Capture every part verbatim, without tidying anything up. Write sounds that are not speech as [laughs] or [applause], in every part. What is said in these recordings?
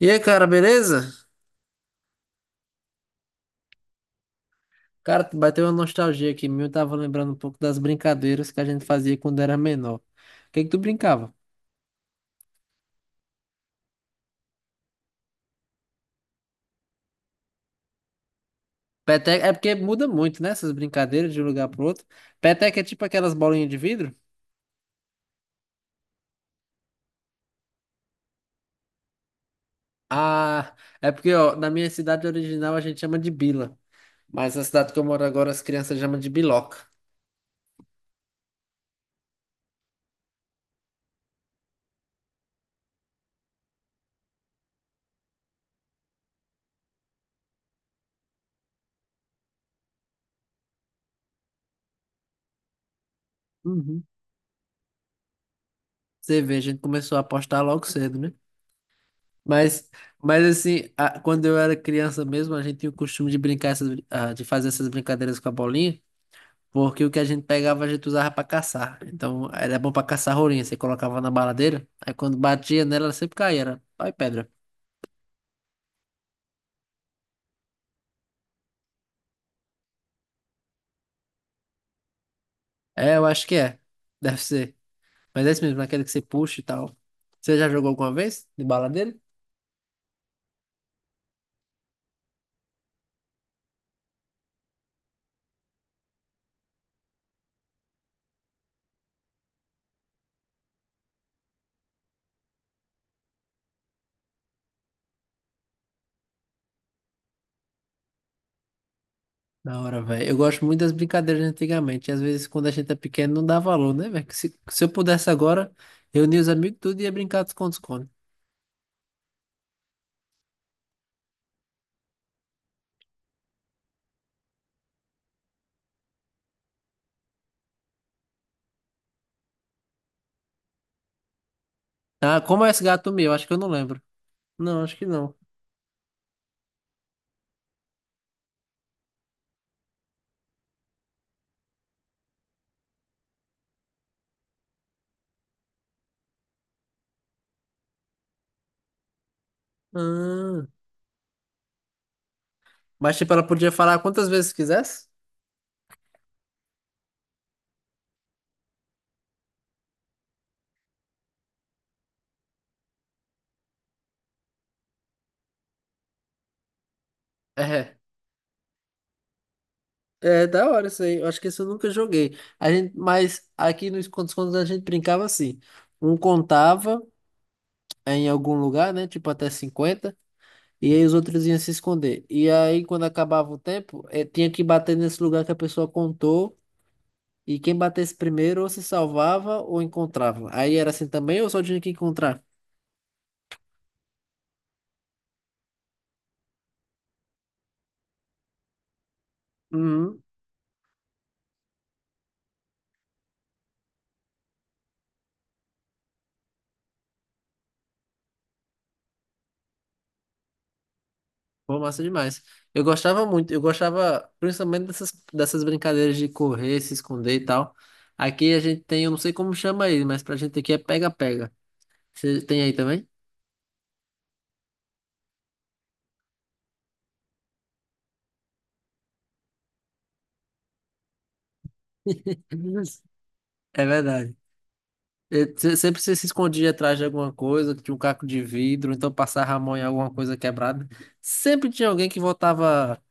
E aí, cara, beleza? Cara, bateu uma nostalgia aqui. Meu, tava lembrando um pouco das brincadeiras que a gente fazia quando era menor. O que que tu brincava? Peteca é porque muda muito, né? Essas brincadeiras de um lugar pro outro. Peteca é tipo aquelas bolinhas de vidro? Ah, é porque, ó, na minha cidade original a gente chama de bila. Mas na cidade que eu moro agora, as crianças chamam de biloca. Uhum. Você vê, a gente começou a apostar logo cedo, né? Mas, mas assim, a- quando eu era criança mesmo, a gente tinha o costume de brincar, essas, brin- ah, de fazer essas brincadeiras com a bolinha. Porque o que a gente pegava, a gente usava pra caçar. Então, era bom pra caçar rolinha. Você colocava na baladeira, aí quando batia nela, ela sempre caía. Era pau e pedra. É, eu acho que é. Deve ser. Mas é isso mesmo, aquele que você puxa e tal. Você já jogou alguma vez de baladeira? Da hora, velho. Eu gosto muito das brincadeiras de antigamente. E às vezes, quando a gente é pequeno, não dá valor, né, velho? Que Se, se eu pudesse agora, reunir os amigos tudo e ia brincar de esconde-esconde. Ah, como é esse gato meu? Acho que eu não lembro. Não, acho que não. Ah, mas, tipo, ela podia falar quantas vezes quisesse? É. É da hora isso aí. Eu acho que isso eu nunca joguei. A gente, mas aqui nos contos quando a gente brincava assim. Um contava em algum lugar, né? Tipo até cinquenta. E aí os outros iam se esconder. E aí, quando acabava o tempo, eh, tinha que bater nesse lugar que a pessoa contou. E quem batesse primeiro ou se salvava ou encontrava. Aí era assim também ou só tinha que encontrar? Pô, massa demais. Eu gostava muito, eu gostava principalmente dessas, dessas brincadeiras de correr, se esconder e tal. Aqui a gente tem, eu não sei como chama aí, mas pra gente aqui é pega-pega. Você tem aí também? [laughs] É verdade. Eu- se- sempre você se escondia atrás de alguma coisa, tinha um caco de vidro, então passava a mão em alguma coisa quebrada. Sempre tinha alguém que voltava,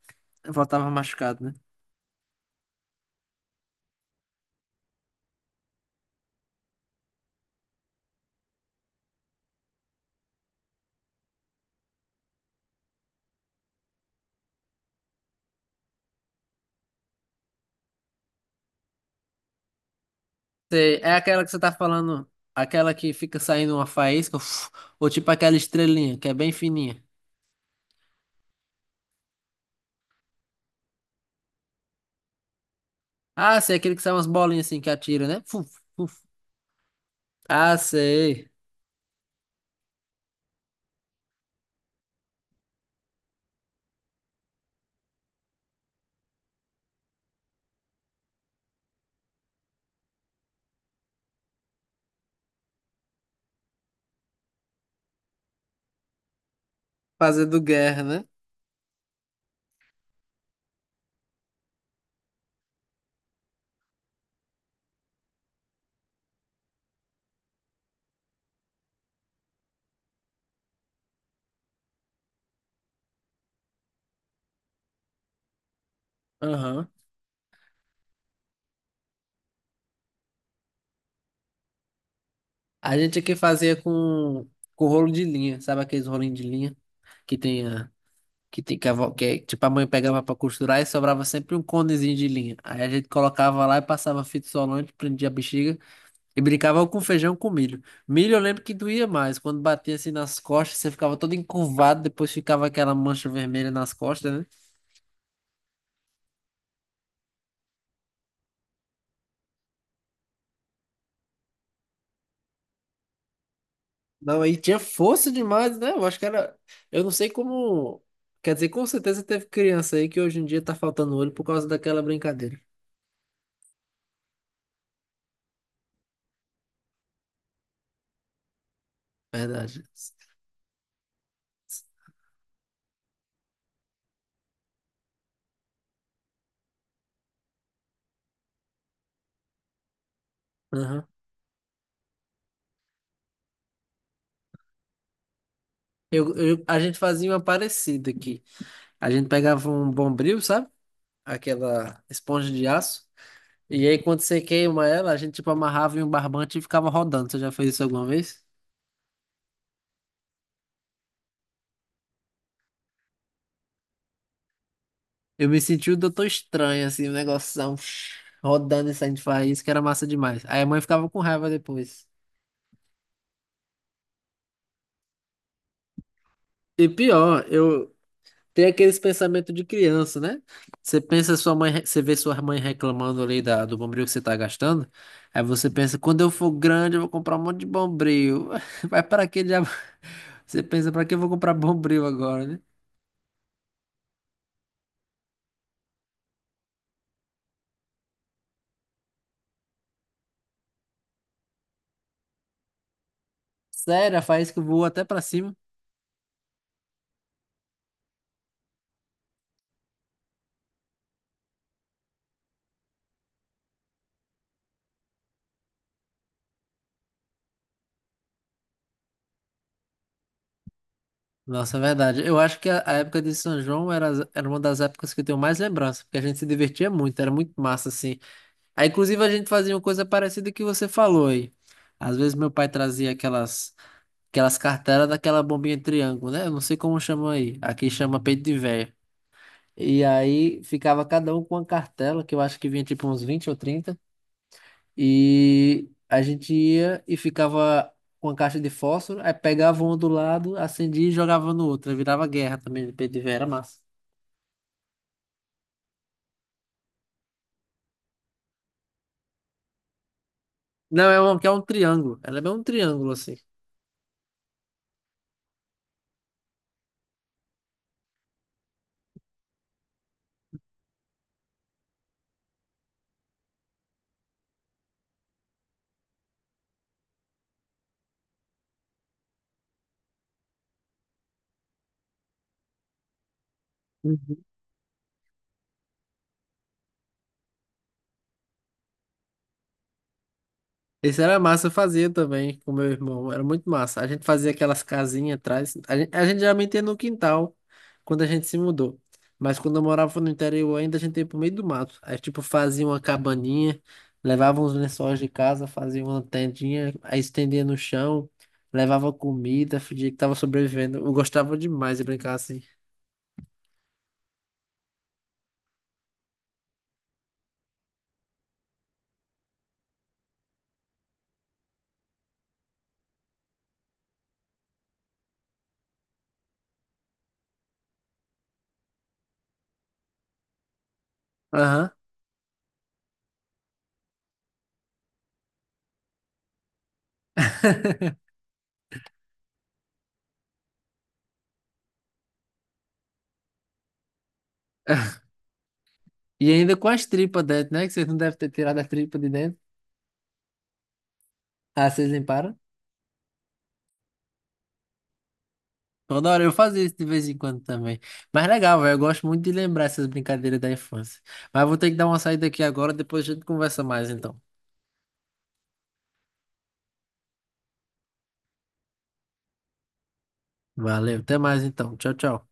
voltava machucado, né? Sei, é aquela que você tá falando, aquela que fica saindo uma faísca, uf, ou tipo aquela estrelinha, que é bem fininha. Ah, sei, aquele que sai umas bolinhas assim que atira, né? Fuf, fuf. Ah, sei. Fazendo guerra, né? Aham. A gente aqui fazia com, com rolo de linha, sabe aqueles rolinhos de linha que tem a. Que tem que, a, vó- que é- tipo a mãe pegava pra costurar e sobrava sempre um conezinho de linha. Aí a gente colocava lá e passava fita isolante, prendia a bexiga e brincava com feijão com milho. Milho eu lembro que doía mais, quando batia assim nas costas, você ficava todo encurvado, depois ficava aquela mancha vermelha nas costas, né? Não, aí tinha força demais, né? Eu acho que era. Eu não sei como. Quer dizer, com certeza teve criança aí que hoje em dia tá faltando olho por causa daquela brincadeira. Verdade. Aham. Eu, eu- a gente fazia uma parecida aqui. A gente pegava um bombril, sabe? Aquela esponja de aço. E aí, quando você queima ela, a gente tipo amarrava em um barbante e ficava rodando. Você já fez isso alguma vez? Eu me senti o doutor estranho, assim, o um negoção [sniffs] rodando e saindo de faísca, que era massa demais. Aí a mãe ficava com raiva depois. E pior, eu tem aqueles pensamentos de criança, né? Você pensa sua mãe, re- você vê sua mãe reclamando ali da, do bombril que você tá gastando. Aí você pensa, quando eu for grande, eu vou comprar um monte de bombril. [laughs] Vai para que diabo? [laughs] Você pensa, para que eu vou comprar bombril agora, né? Sério, faz que eu vou até para cima. Nossa, é verdade. Eu acho que a, a época de São João era, as- era uma das épocas que eu tenho mais lembrança, porque a gente se divertia muito, era muito massa, assim. Aí, inclusive, a gente fazia uma coisa parecida que você falou aí. Às vezes meu pai trazia aquelas. Aquelas cartelas daquela bombinha triângulo, né? Eu não sei como chama aí. Aqui chama peito de véia. E aí ficava cada um com uma cartela, que eu acho que vinha tipo uns vinte ou trinta. E a gente ia e ficava com a caixa de fósforo, aí pegava um do lado, acendia e jogava no outro. Aí virava guerra também de peito de véia, era massa. Não, é um, que é um triângulo. Ela é bem um triângulo assim. Esse era massa, eu fazia também com meu irmão, era muito massa. A gente fazia aquelas casinhas atrás, a gente, a gente geralmente ia no quintal, quando a gente se mudou. Mas quando eu morava no interior ainda, a gente ia pro meio do mato. Aí, tipo, fazia uma cabaninha, levava uns lençóis de casa, fazia uma tendinha, aí estendia no chão, levava comida, fingia que tava sobrevivendo. Eu gostava demais de brincar assim. Aham. [laughs] E ainda com as tripas dentro, né? Que vocês não devem ter tirado a tripa de dentro. Ah, vocês limparam? Toda hora eu fazia isso de vez em quando também. Mas legal, velho. Eu gosto muito de lembrar essas brincadeiras da infância. Mas vou ter que dar uma saída aqui agora, depois a gente conversa mais então. Valeu, até mais então. Tchau, tchau.